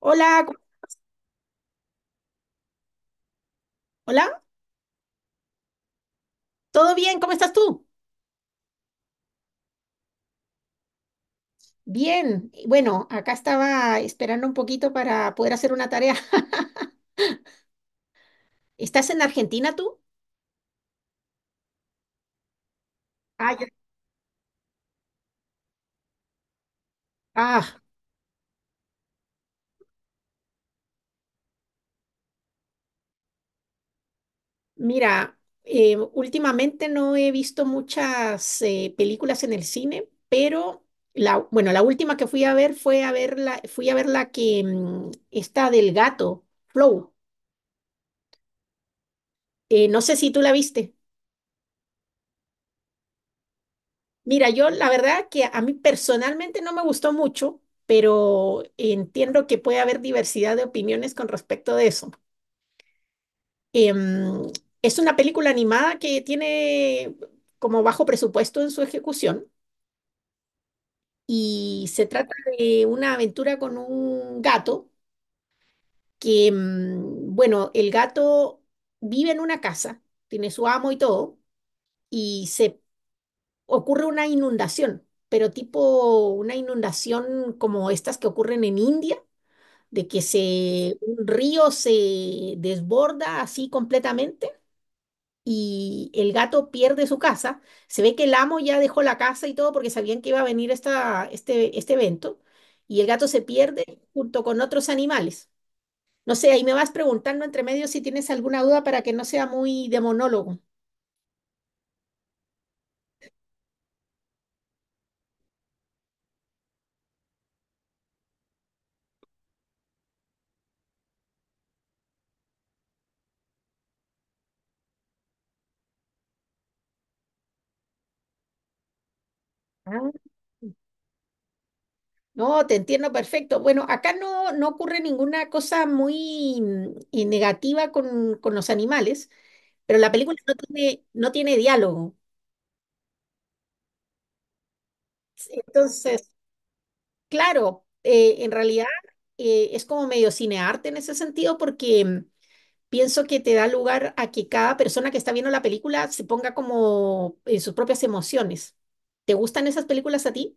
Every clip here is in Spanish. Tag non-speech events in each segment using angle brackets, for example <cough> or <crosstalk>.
Hola, ¿cómo- hola, ¿todo bien? ¿Cómo estás tú? Bien. Bueno, acá estaba esperando un poquito para poder hacer una tarea. <laughs> ¿Estás en Argentina tú? Ah, ya. Ah, mira, últimamente no he visto muchas películas en el cine, pero la, bueno, la última que fui a ver fue a ver la, fui a ver la que está del gato, Flow. No sé si tú la viste. Mira, yo la verdad que a mí personalmente no me gustó mucho, pero entiendo que puede haber diversidad de opiniones con respecto de eso. Em, es una película animada que tiene como bajo presupuesto en su ejecución y se trata de una aventura con un gato que, bueno, el gato vive en una casa, tiene su amo y todo, y se ocurre una inundación, pero tipo una inundación como estas que ocurren en India, de que se, un río se desborda así completamente y el gato pierde su casa. Se ve que el amo ya dejó la casa y todo porque sabían que iba a venir esta, este evento y el gato se pierde junto con otros animales. No sé, ahí me vas preguntando entre medio si tienes alguna duda para que no sea muy de monólogo. Ah. No, te entiendo perfecto. Bueno, acá no, no ocurre ninguna cosa muy negativa con los animales, pero la película no tiene, no tiene diálogo. Entonces, claro, en realidad es como medio cinearte en ese sentido porque pienso que te da lugar a que cada persona que está viendo la película se ponga como en sus propias emociones. ¿Te gustan esas películas a ti?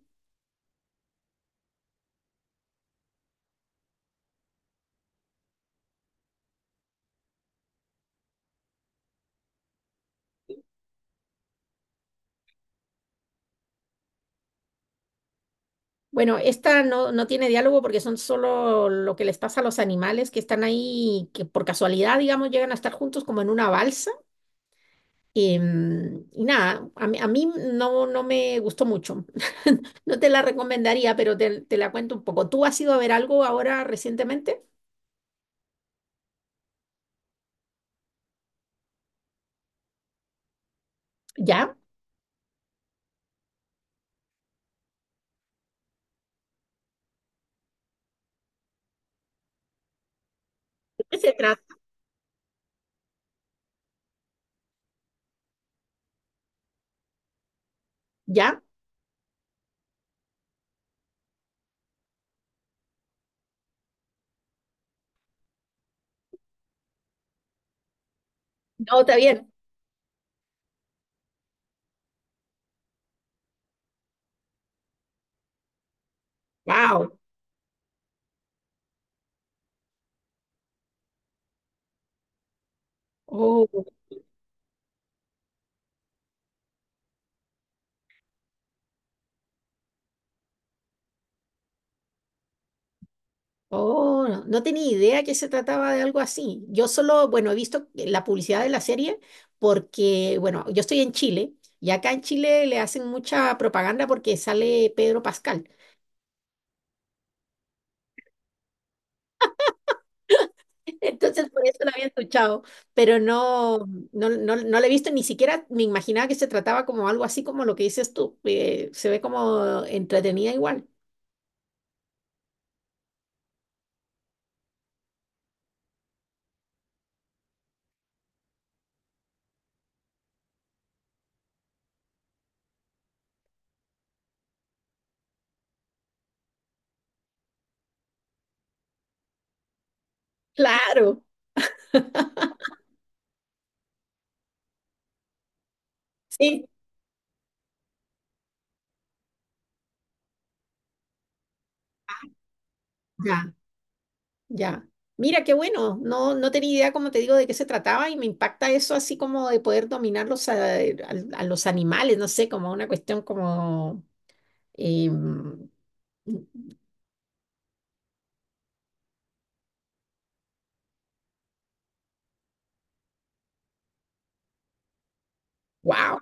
Bueno, esta no, no tiene diálogo porque son solo lo que les pasa a los animales que están ahí, que por casualidad, digamos, llegan a estar juntos como en una balsa. Y nada, a mí no, no me gustó mucho. No te la recomendaría, pero te la cuento un poco. ¿Tú has ido a ver algo ahora recientemente? ¿Ya? ¿De qué se trata? ¿Ya? No, está bien. <laughs> ¡Wow! Oh, no, no tenía idea que se trataba de algo así. Yo solo, bueno, he visto la publicidad de la serie porque, bueno, yo estoy en Chile y acá en Chile le hacen mucha propaganda porque sale Pedro Pascal. <laughs> Entonces, por eso la había escuchado, pero no, no, no, no la he visto, ni siquiera me imaginaba que se trataba como algo así como lo que dices tú. Se ve como entretenida igual. Claro, sí. Ya. Ya. Mira, qué bueno. No, no tenía idea, como te digo, de qué se trataba y me impacta eso así como de poder dominar los, a, al- a los animales, no sé, como una cuestión como... wow.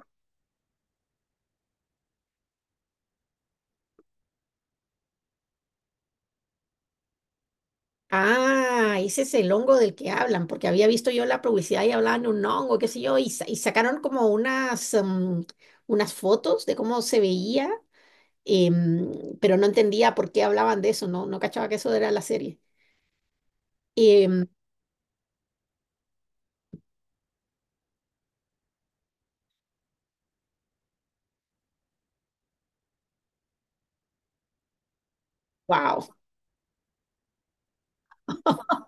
Ah, ese es el hongo del que hablan, porque había visto yo la publicidad y hablaban de un hongo, qué sé yo, y, sa- y sacaron como unas, unas fotos de cómo se veía, pero no entendía por qué hablaban de eso, no, no cachaba que eso era la serie. Wow.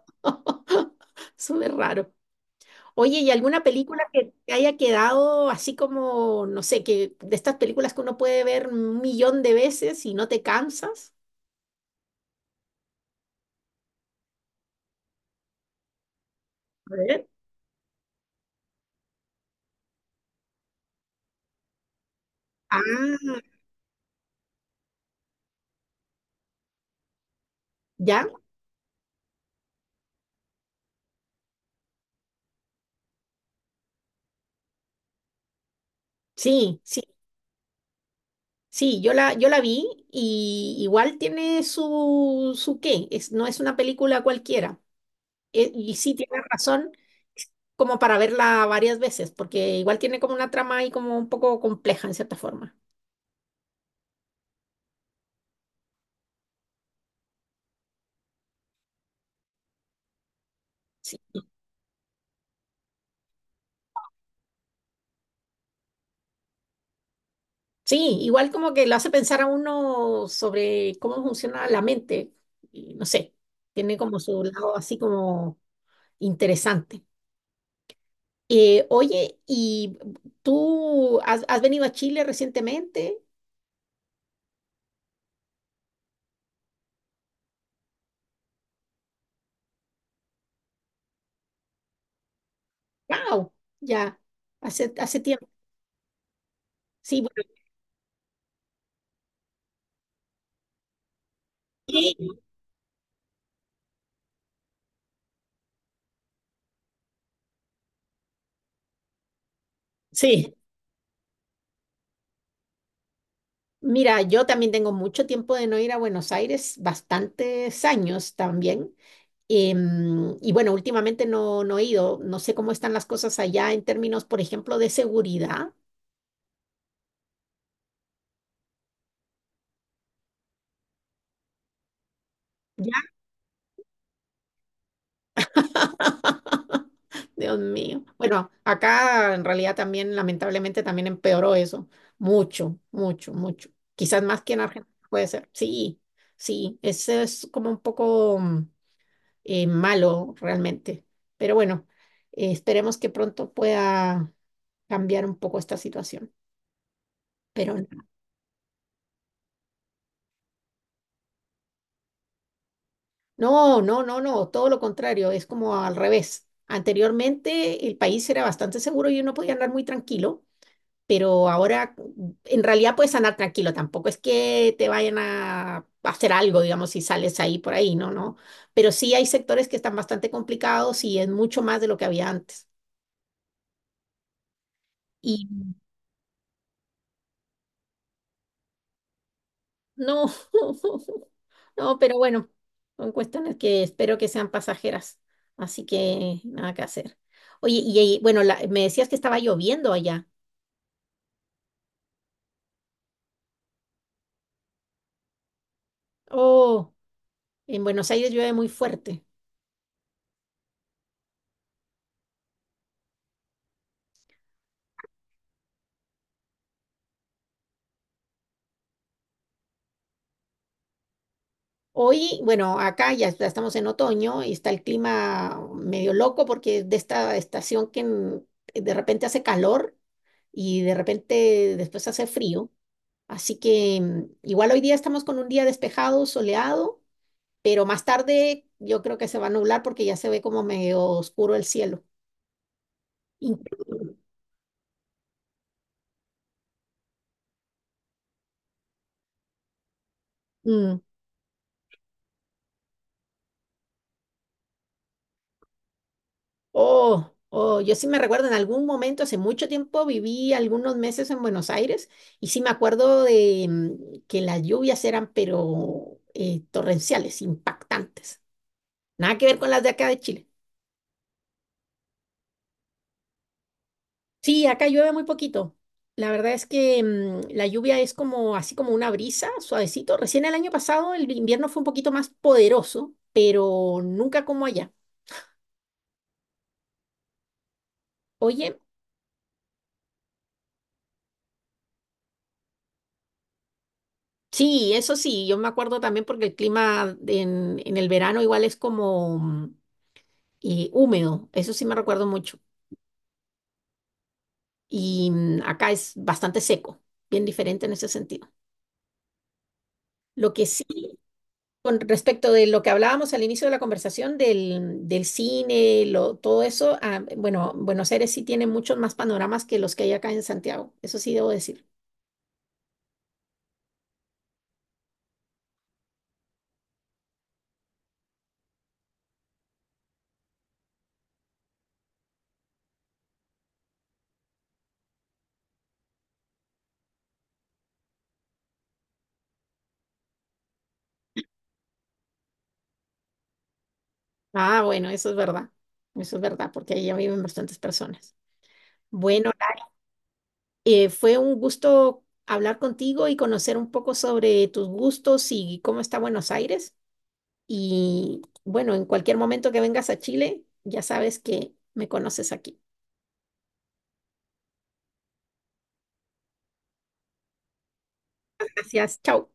<laughs> Súper raro. Oye, ¿y alguna película que te haya quedado así como, no sé, que de estas películas que uno puede ver un millón de veces y no te cansas? A ver. Ah, ¿ya? Sí, sí, sí, yo la, yo la vi y igual tiene su, su qué, es, no es una película cualquiera. E- y sí, tienes razón, como para verla varias veces, porque igual tiene como una trama ahí como un poco compleja en cierta forma. Sí. Sí, igual como que lo hace pensar a uno sobre cómo funciona la mente, y no sé, tiene como su lado así como interesante. Oye, ¿y tú has, has venido a Chile recientemente? ¡Wow! Ya, hace, hace tiempo. Sí, bueno, sí, sí. Mira, yo también tengo mucho tiempo de no ir a Buenos Aires, bastantes años también. Y bueno, últimamente no, no he ido, no sé cómo están las cosas allá en términos, por ejemplo, de seguridad. Ya. <laughs> Dios mío. Bueno, acá en realidad también, lamentablemente, también empeoró eso. Mucho, mucho, mucho. Quizás más que en Argentina puede ser. Sí, sí, eso es como un poco malo realmente. Pero bueno, esperemos que pronto pueda cambiar un poco esta situación. Pero no. No, no, no, no, todo lo contrario, es como al revés. Anteriormente el país era bastante seguro y uno podía andar muy tranquilo, pero ahora en realidad puedes andar tranquilo, tampoco es que te vayan a hacer algo, digamos, si sales ahí por ahí, no, no. Pero sí hay sectores que están bastante complicados y es mucho más de lo que había antes. Y no, <laughs> no, pero bueno, son cuestiones que espero que sean pasajeras, así que nada que hacer. Oye, y, bueno, la- me decías que estaba lloviendo allá. Oh, en Buenos Aires llueve muy fuerte. Hoy, bueno, acá ya estamos en otoño y está el clima medio loco porque es de esta estación que en- de repente hace calor y de repente después hace frío. Así que igual hoy día estamos con un día despejado, soleado, pero más tarde yo creo que se va a nublar porque ya se ve como medio oscuro el cielo. Increíble. Oh, oh, yo sí me recuerdo, en algún momento, hace mucho tiempo, viví algunos meses en Buenos Aires y sí me acuerdo de que las lluvias eran, pero torrenciales, impactantes. Nada que ver con las de acá de Chile. Sí, acá llueve muy poquito. La verdad es que la lluvia es como así como una brisa, suavecito. Recién el año pasado el invierno fue un poquito más poderoso, pero nunca como allá. Oye, sí, eso sí, yo me acuerdo también porque el clima en el verano igual es como húmedo, eso sí me recuerdo mucho. Y acá es bastante seco, bien diferente en ese sentido. Lo que sí, con respecto de lo que hablábamos al inicio de la conversación del, del cine, lo, todo eso, ah, bueno, Buenos Aires sí tiene muchos más panoramas que los que hay acá en Santiago, eso sí debo decir. Ah, bueno, eso es verdad, porque ahí ya viven bastantes personas. Bueno, fue un gusto hablar contigo y conocer un poco sobre tus gustos y cómo está Buenos Aires. Y bueno, en cualquier momento que vengas a Chile, ya sabes que me conoces aquí. Gracias, chao.